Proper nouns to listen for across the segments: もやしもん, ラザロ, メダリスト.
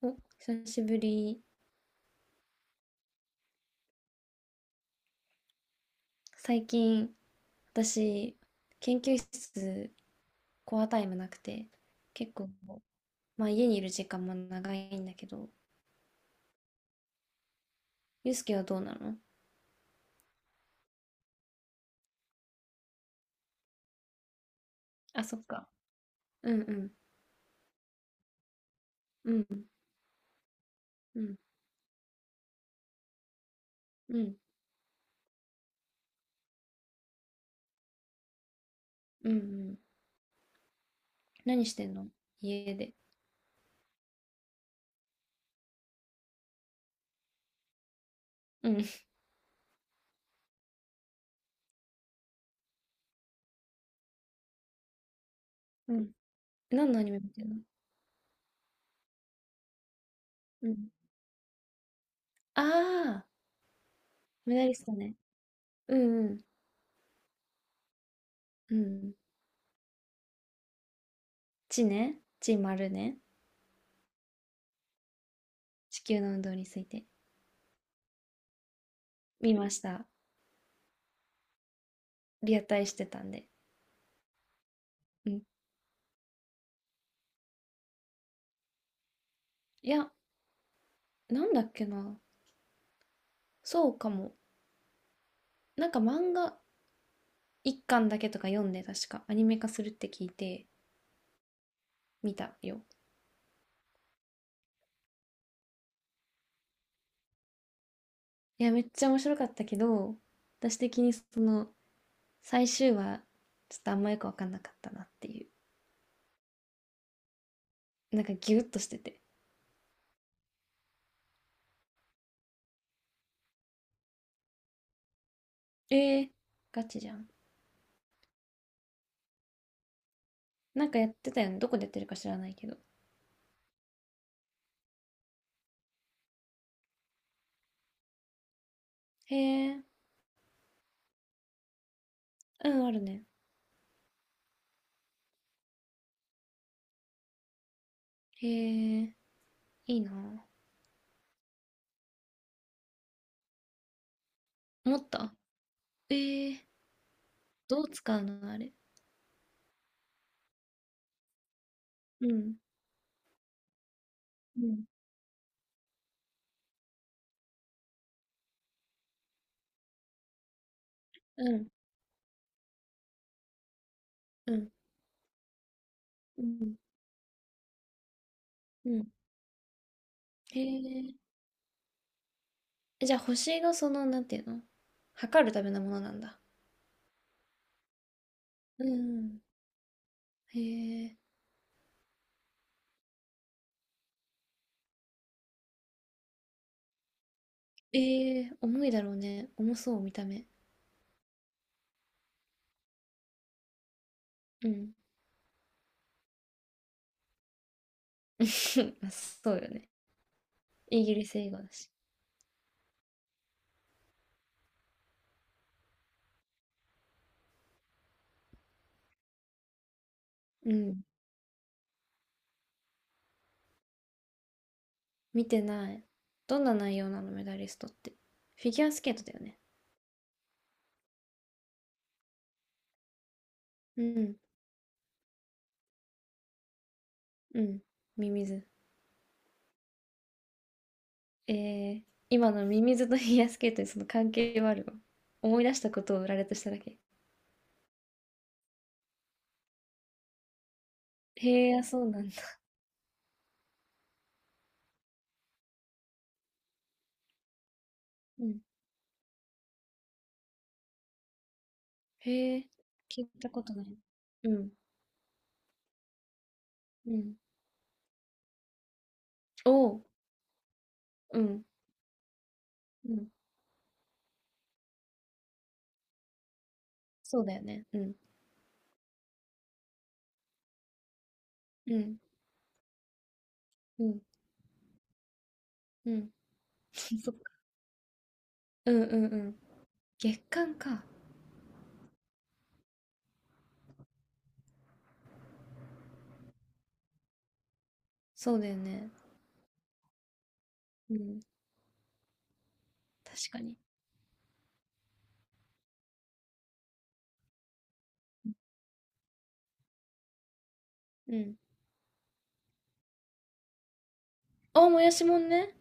お、久しぶり。最近、私、研究室、コアタイムなくて、結構、まあ家にいる時間も長いんだけど、ゆうすけはどうなの？あ、そっか。うんうん、うん、うん、うん、うん、うん。何してんの、家で。うん、うん。何のアニメ見てんの？うん。ああ、メダリストね。うんうん、うん。地ね。地丸ね。地球の運動について。見ました。リアタイしてたんで。うん。いや、なんだっけな。そうかも。なんか漫画一巻だけとか読んで、確かアニメ化するって聞いて見たよ。いや、めっちゃ面白かったけど、私的にその最終話、ちょっとあんまよく分かんなかったなっていう。なんかギュッとしてて。えー、ガチじゃん。なんかやってたよね。どこでやってるか知らないけど。へえ、うん、あるね。へえ、いいな。思った、えー、どう使うの、あれ。うん、うん、うん、うん、うん、うん。へええ、じゃあ、星がその、なんていうの、測るためのものなんだ。うん。へえ。ええ、重いだろうね。重そう、見た目。うん。まあ、そうよね。イギリス英語だし。うん。見てない。どんな内容なの、メダリストって。フィギュアスケートだよね。うん。うん。ミミズ。ええ、今のミミズとフィギュアスケートにその関係はあるの？思い出したことを羅列しただけ。へえ、あ、そうなんだ。うん。へえ、聞いたことない。うん。うん。おお、うん、うん。そうだよね。うん、うん、うん、うん。そっか。うんうんうん。月間か。そうだよね。うん。確かに。うん。あ、もやしもんね。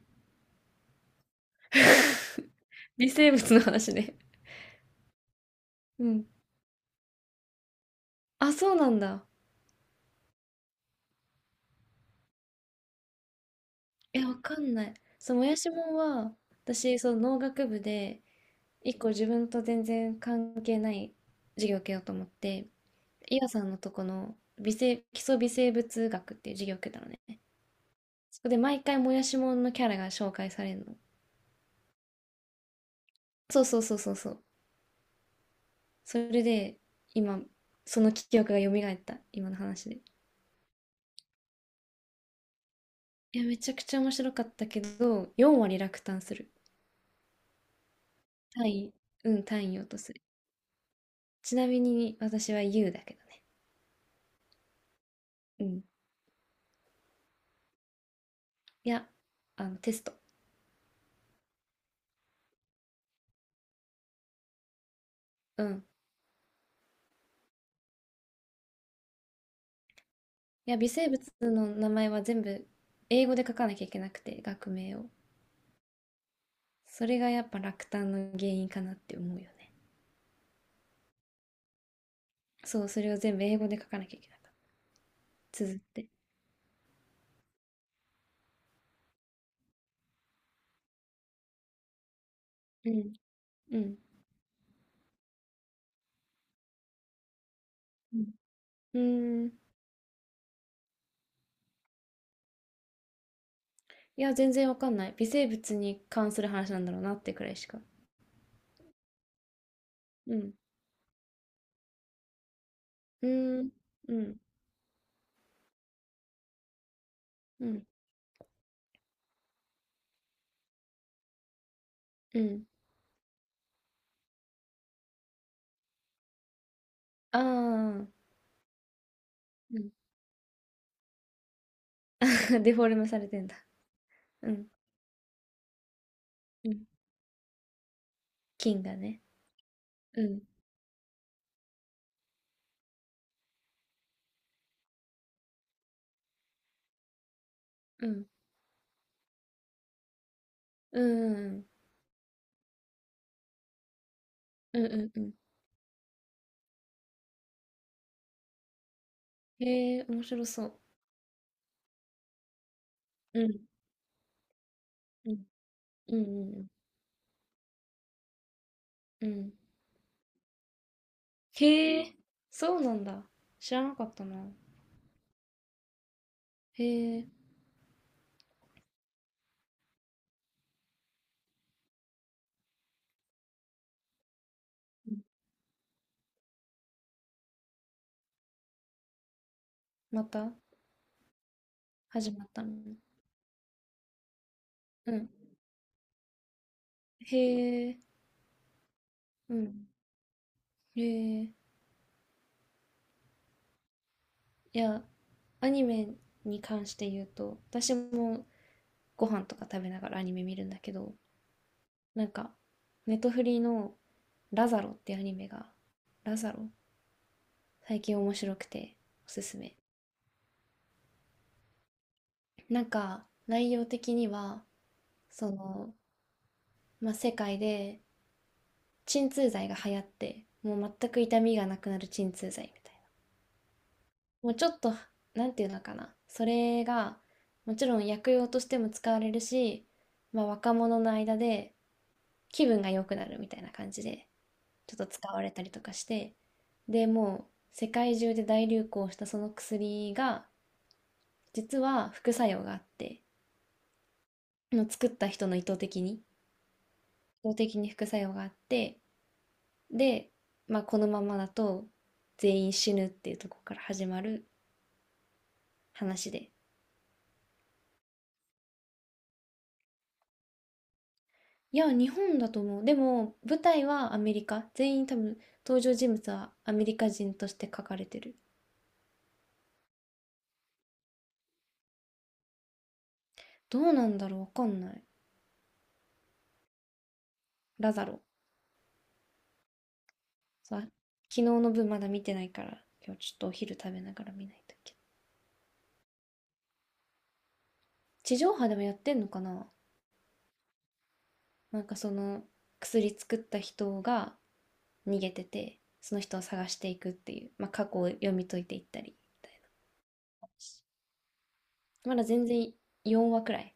微生物の話ね。うん。あ、そうなんだ。え、わかんない。そう、もやしもんは、私、その農学部で、一個自分と全然関係ない授業を受けようと思って、伊和さんのとこの微生、基礎微生物学っていう授業を受けたのね。そこで毎回もやしもんのキャラが紹介されるの。そうそうそうそうそう。それで、今、その記憶が蘇った、今の話で。いや、めちゃくちゃ面白かったけど、4割落胆する。単位、うん、単位落とする。ちなみに私は U だけどね。うん。いや、あの、テスト。うん。いや、微生物の名前は全部英語で書かなきゃいけなくて、学名を。それがやっぱ落胆の原因かなって思うよね。そう、それを全部英語で書かなきゃいけなかった。綴って。うん。うん。うん。うーん。いや、全然わかんない。微生物に関する話なんだろうなってくらいしか。うん。うーん。うん。うん。うん。ああ。うん。デフォルメされてんだ。うん。うん。菌がね。うん。うん。うんうんうん。うんうんうん。へえ、面白そう。うん。うん。うんうんうん。うん。へえ、そうなんだ。知らなかったな。へえ。うん、また始まったの。うん。へえ。うん。へえ。いや、アニメに関して言うと私もご飯とか食べながらアニメ見るんだけど、なんかネットフリーの「ラザロ」っていうアニメが、ラザロ、最近面白くておすすめ。なんか内容的には、その、まあ、世界で鎮痛剤が流行って、もう全く痛みがなくなる鎮痛剤みたいな、もうちょっと、なんていうのかな、それがもちろん薬用としても使われるし、まあ、若者の間で気分が良くなるみたいな感じでちょっと使われたりとかして、でもう世界中で大流行したその薬が実は副作用があって、もう作った人の意図的に、意図的に副作用があって、で、まあ、このままだと全員死ぬっていうところから始まる話で。いや、日本だと思う。でも舞台はアメリカ、全員多分登場人物はアメリカ人として書かれてる。どうなんだろう、わかんない。ラザロ。そう、昨日の分まだ見てないから、今日ちょっとお昼食べながら見ないといけない。地上波でもやってんのかな。なんかその薬作った人が逃げてて、その人を探していくっていう、まあ、過去を読み解いていったりみたいな話。まだ全然4話くらい。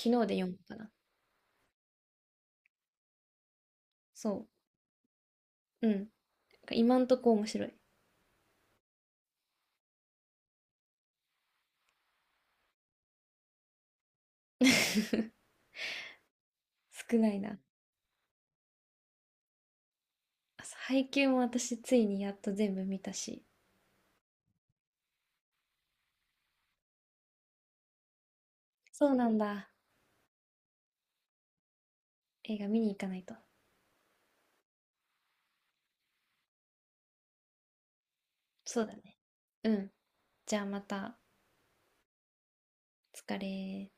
昨日で4話かな。そう。うん。なんか今んとこ面白い。少ないな。あ、そう、配給も私ついにやっと全部見たし。そうなんだ。映画見に行かないと。そうだね。うん。じゃあまた。疲れ。